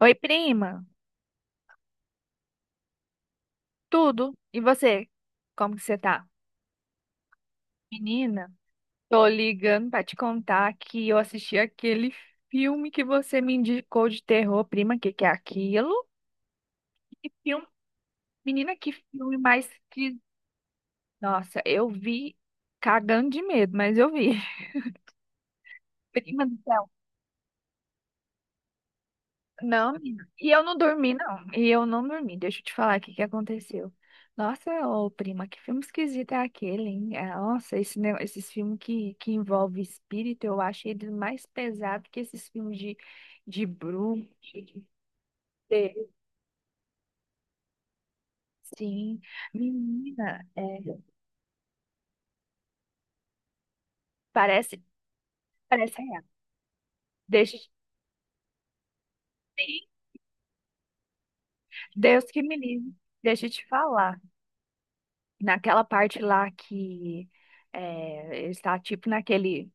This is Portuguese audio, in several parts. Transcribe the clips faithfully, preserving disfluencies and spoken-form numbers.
Oi, prima. Tudo? E você? Como que você tá? Menina, tô ligando pra te contar que eu assisti aquele filme que você me indicou de terror, prima, que que é aquilo? Que filme? Menina, que filme mais que... Nossa, eu vi cagando de medo, mas eu vi. Prima do céu. Não, menina. E eu não dormi, não. E eu não dormi. Deixa eu te falar aqui o que aconteceu. Nossa, ô prima, que filme esquisito é aquele, hein? É, nossa, esse, ne- esses filmes que, que, envolvem espírito, eu acho eles mais pesados que esses filmes de, de bruxa, de ter- Sim. Menina, é, parece, parece real. Deixa eu te... Sim, Deus que me livre. Deixa eu te falar. Naquela parte lá que é, ele está tipo naquele,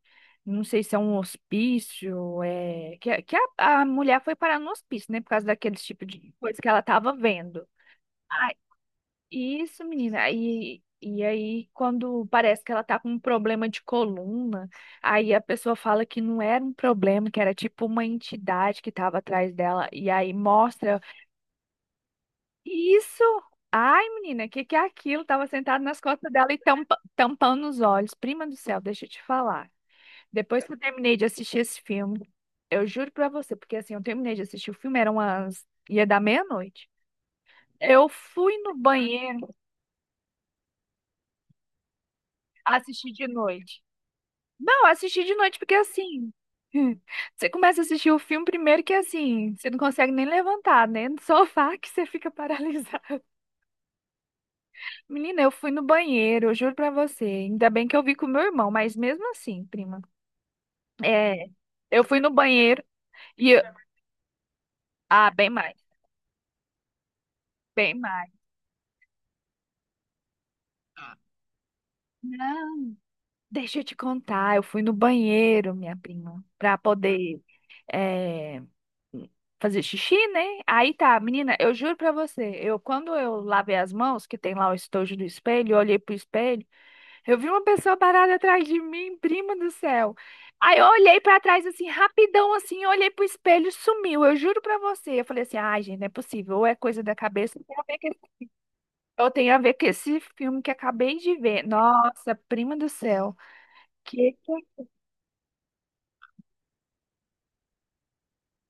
não sei se é um hospício, é, que, que a, a mulher foi parar no hospício, né, por causa daqueles tipo de coisa que ela estava vendo. Ah, isso, menina, e, e aí quando parece que ela tá com um problema de coluna, aí a pessoa fala que não era um problema, que era tipo uma entidade que estava atrás dela, e aí mostra isso! Ai, menina, o que que é aquilo? Tava sentado nas costas dela e tampa- tampando os olhos. Prima do céu, deixa eu te falar. Depois que eu terminei de assistir esse filme, eu juro pra você, porque assim, eu terminei de assistir o filme, eram umas... ia dar meia-noite. Eu fui no banheiro assistir de noite. Não, assisti de noite porque assim, você começa a assistir o filme primeiro que assim, você não consegue nem levantar, né? No sofá que você fica paralisado. Menina, eu fui no banheiro, eu juro pra você. Ainda bem que eu vi com meu irmão, mas mesmo assim, prima. É, eu fui no banheiro e. eu- Ah, bem mais, bem mais. Não, deixa eu te contar. Eu fui no banheiro, minha prima, pra poder é, fazer xixi, né? Aí tá, menina, eu juro pra você. Eu, quando eu lavei as mãos, que tem lá o estojo do espelho, eu olhei pro espelho. Eu vi uma pessoa parada atrás de mim, prima do céu. Aí eu olhei pra trás assim, rapidão assim, eu olhei pro espelho e sumiu. Eu juro pra você. Eu falei assim: "Ai, gente, não é possível. Ou é coisa da cabeça, ou tem a ver com esse ou tem a ver com esse filme que acabei de ver". Nossa, prima do céu. Que que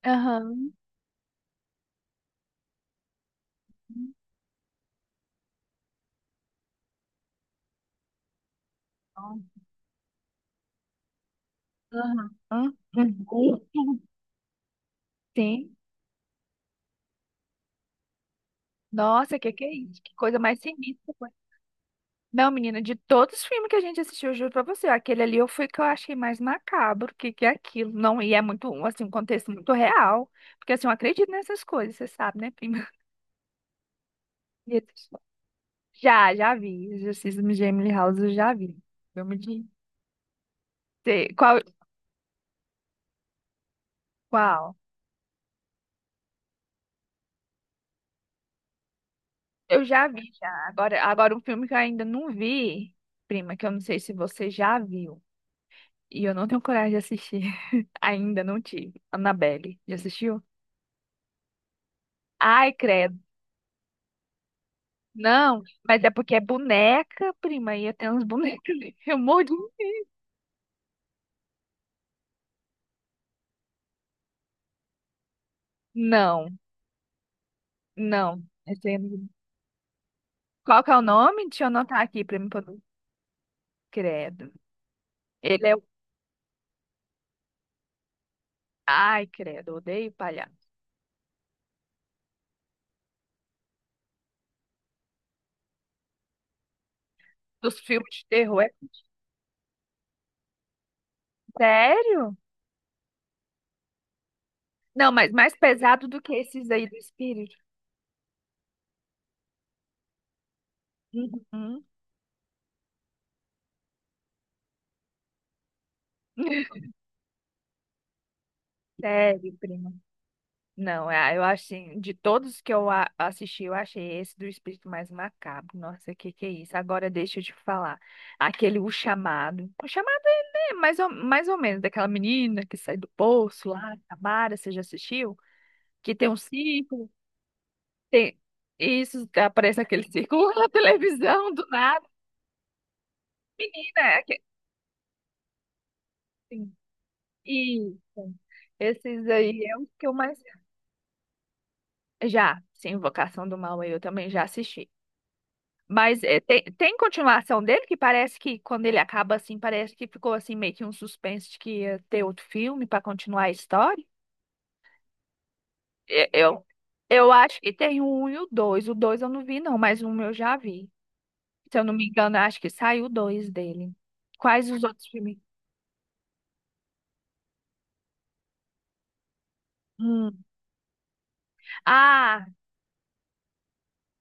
Aham. Aham. Aham. Sim. Nossa, que que é isso? Que coisa mais sinistra. Não, menina, de todos os filmes que a gente assistiu, eu juro pra você, aquele ali eu fui que eu achei mais macabro, que que é aquilo, não, e é muito, assim, um contexto muito real, porque assim, eu acredito nessas coisas, você sabe, né, prima? E esses- Já, já vi. Exorcismo de Emily House eu já vi, filme de... Cê- Qual, qual? Eu já vi, já. Agora, agora um filme que eu ainda não vi, prima, que eu não sei se você já viu, e eu não tenho coragem de assistir, ainda não tive, Annabelle, já assistiu? Ai, credo. Não, mas é porque é boneca, prima, e eu tenho uns bonecos ali. Eu morro de... Não, não. Esse aí eu não- Qual que é o nome? Deixa eu anotar aqui pra mim poder... Credo. Ele é... o- Ai, credo, odeio palhaço. Dos filmes de terror, é... Sério? Não, mas mais pesado do que esses aí do espírito. Uhum. Sério, prima. Não, é, eu acho assim, de todos que eu a- assisti, eu achei esse do espírito mais macabro. Nossa, que que é isso? Agora deixa eu te falar. Aquele O Chamado. O Chamado é né, mais ou, mais ou menos daquela menina que sai do poço lá, Tamara, você já assistiu? Que tem um círculo, tem isso, aparece aquele círculo na televisão do nada. Menina, é que- sim, isso. Esses aí é o que eu mais já, sim, Invocação do Mal eu também já assisti. Mas é, tem, tem continuação dele que parece que quando ele acaba assim, parece que ficou assim meio que um suspense de que ia ter outro filme para continuar a história. E- Eu, eu acho que tem o um e o dois. O dois eu não vi não, mas um eu já vi. Se eu não me engano, eu acho que saiu o dois dele. Quais os outros filmes? Hum. Ah,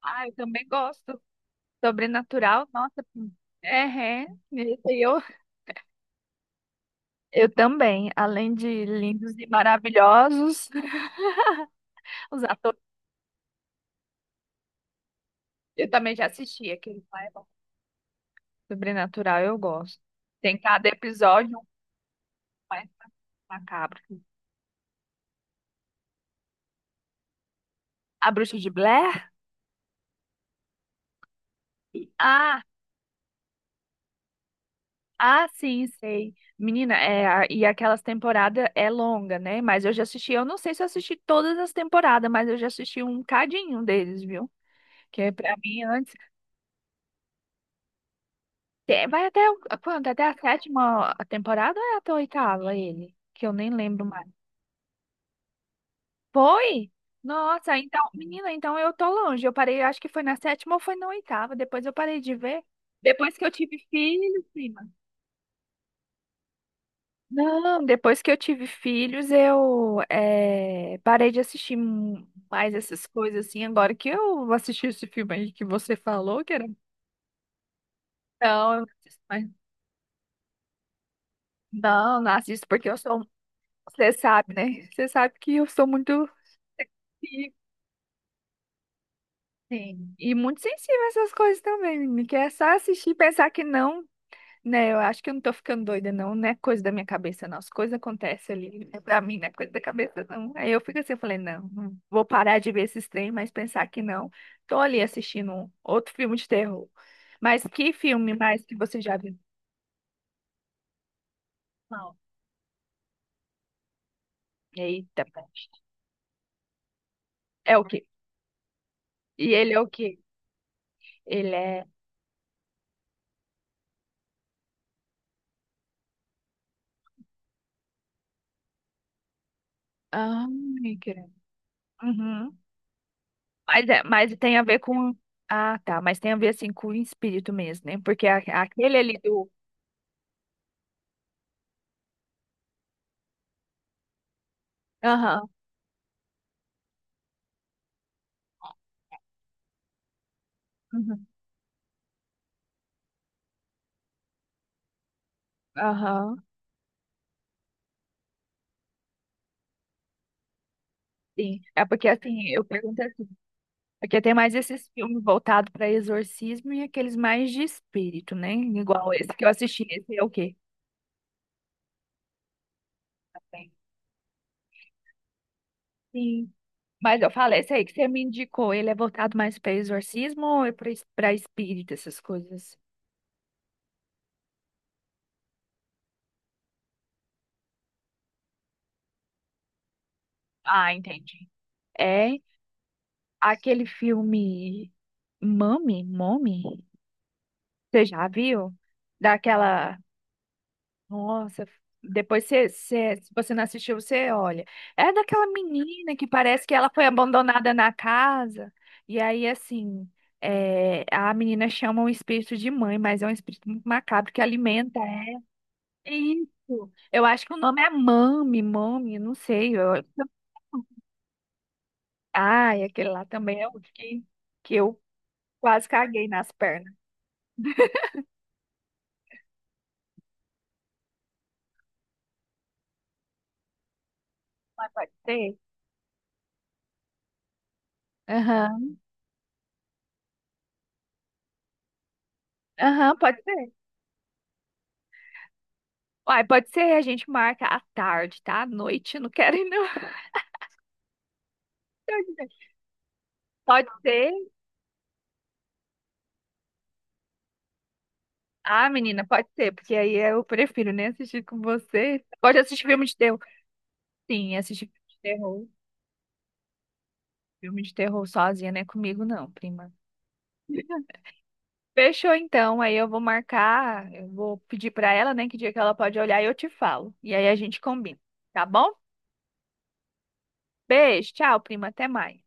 ah, eu também gosto. Sobrenatural, nossa. É, é. Esse aí eu, eu também. Além de lindos e maravilhosos, os atores eu também já assisti. Aquele lá é bom. Sobrenatural, eu gosto. Tem cada episódio um mais macabro. A Bruxa de Blair? Ah, ah, sim, sei. Menina, é, a- e aquelas temporadas é longa, né? Mas eu já assisti, eu não sei se eu assisti todas as temporadas, mas eu já assisti um cadinho deles, viu? Que é pra mim antes. te- Vai até o- quanto? Até a sétima temporada ou é até a oitava ele? Que eu nem lembro mais. Foi? Nossa, então, menina, então eu tô longe. Eu parei, acho que foi na sétima ou foi na oitava. Depois eu parei de ver. Depois que eu tive filhos, prima. Não, depois que eu tive filhos, eu eh, parei de assistir mu- mais essas coisas assim. Agora que eu assisti esse filme aí que você falou, que era. Não, eu não assisto mais. Não, não assisto porque eu sou. Você sabe, né? Você sabe que eu sou muito. Sim. E muito sensível a essas coisas também, menina, que é só assistir e pensar que não. Né, eu acho que eu não tô ficando doida, não. Não é coisa da minha cabeça, não. As coisas acontecem ali. É pra mim, não é coisa da cabeça, não. Aí eu fico assim, eu falei, não, não vou parar de ver esses trem, mas pensar que não. Tô ali assistindo um outro filme de terror. Mas que filme mais que você já viu? Não. Eita, pô. É o quê? E ele é o quê? Ele é. Ah, meu querido. Uhum. Mas, é, mas tem a ver com. Ah, tá. Mas tem a ver assim com o espírito mesmo, né? Porque a- aquele ali do. Aham. Uhum. Aham. Sim, é porque assim, eu pergunto assim, porque tem mais esses filmes voltados para exorcismo e aqueles mais de espírito, né? Igual esse que eu assisti, esse é o quê? Sim. Mas eu falei, esse aí que você me indicou, ele é voltado mais para exorcismo ou é para espírito, essas coisas? Ah, entendi. É aquele filme Mami, Mommy, você já viu? Daquela nossa, depois você, você- se você não assistiu, você olha. É daquela menina que parece que ela foi abandonada na casa. E aí, assim, é, a menina chama um espírito de mãe, mas é um espírito muito macabro que alimenta ela. Isso. Eu acho que o nome é Mami, Mami, não sei. Eu... Ai, aquele lá também é o que, que eu quase caguei nas pernas. Mas pode ser? Aham, aham, pode ser. Uai, pode ser, a gente marca à tarde, tá? À noite, eu não quero ir, não. Pode ser. Pode ser. Ah, menina, pode ser, porque aí eu prefiro nem assistir com você. Pode assistir filme de terror. Sim, assistir filme de terror. Filme de terror sozinha, não é comigo, não, prima. Fechou então, aí eu vou marcar, eu vou pedir pra ela, né, que dia que ela pode olhar e eu te falo. E aí a gente combina, tá bom? Beijo, tchau, prima, até mais.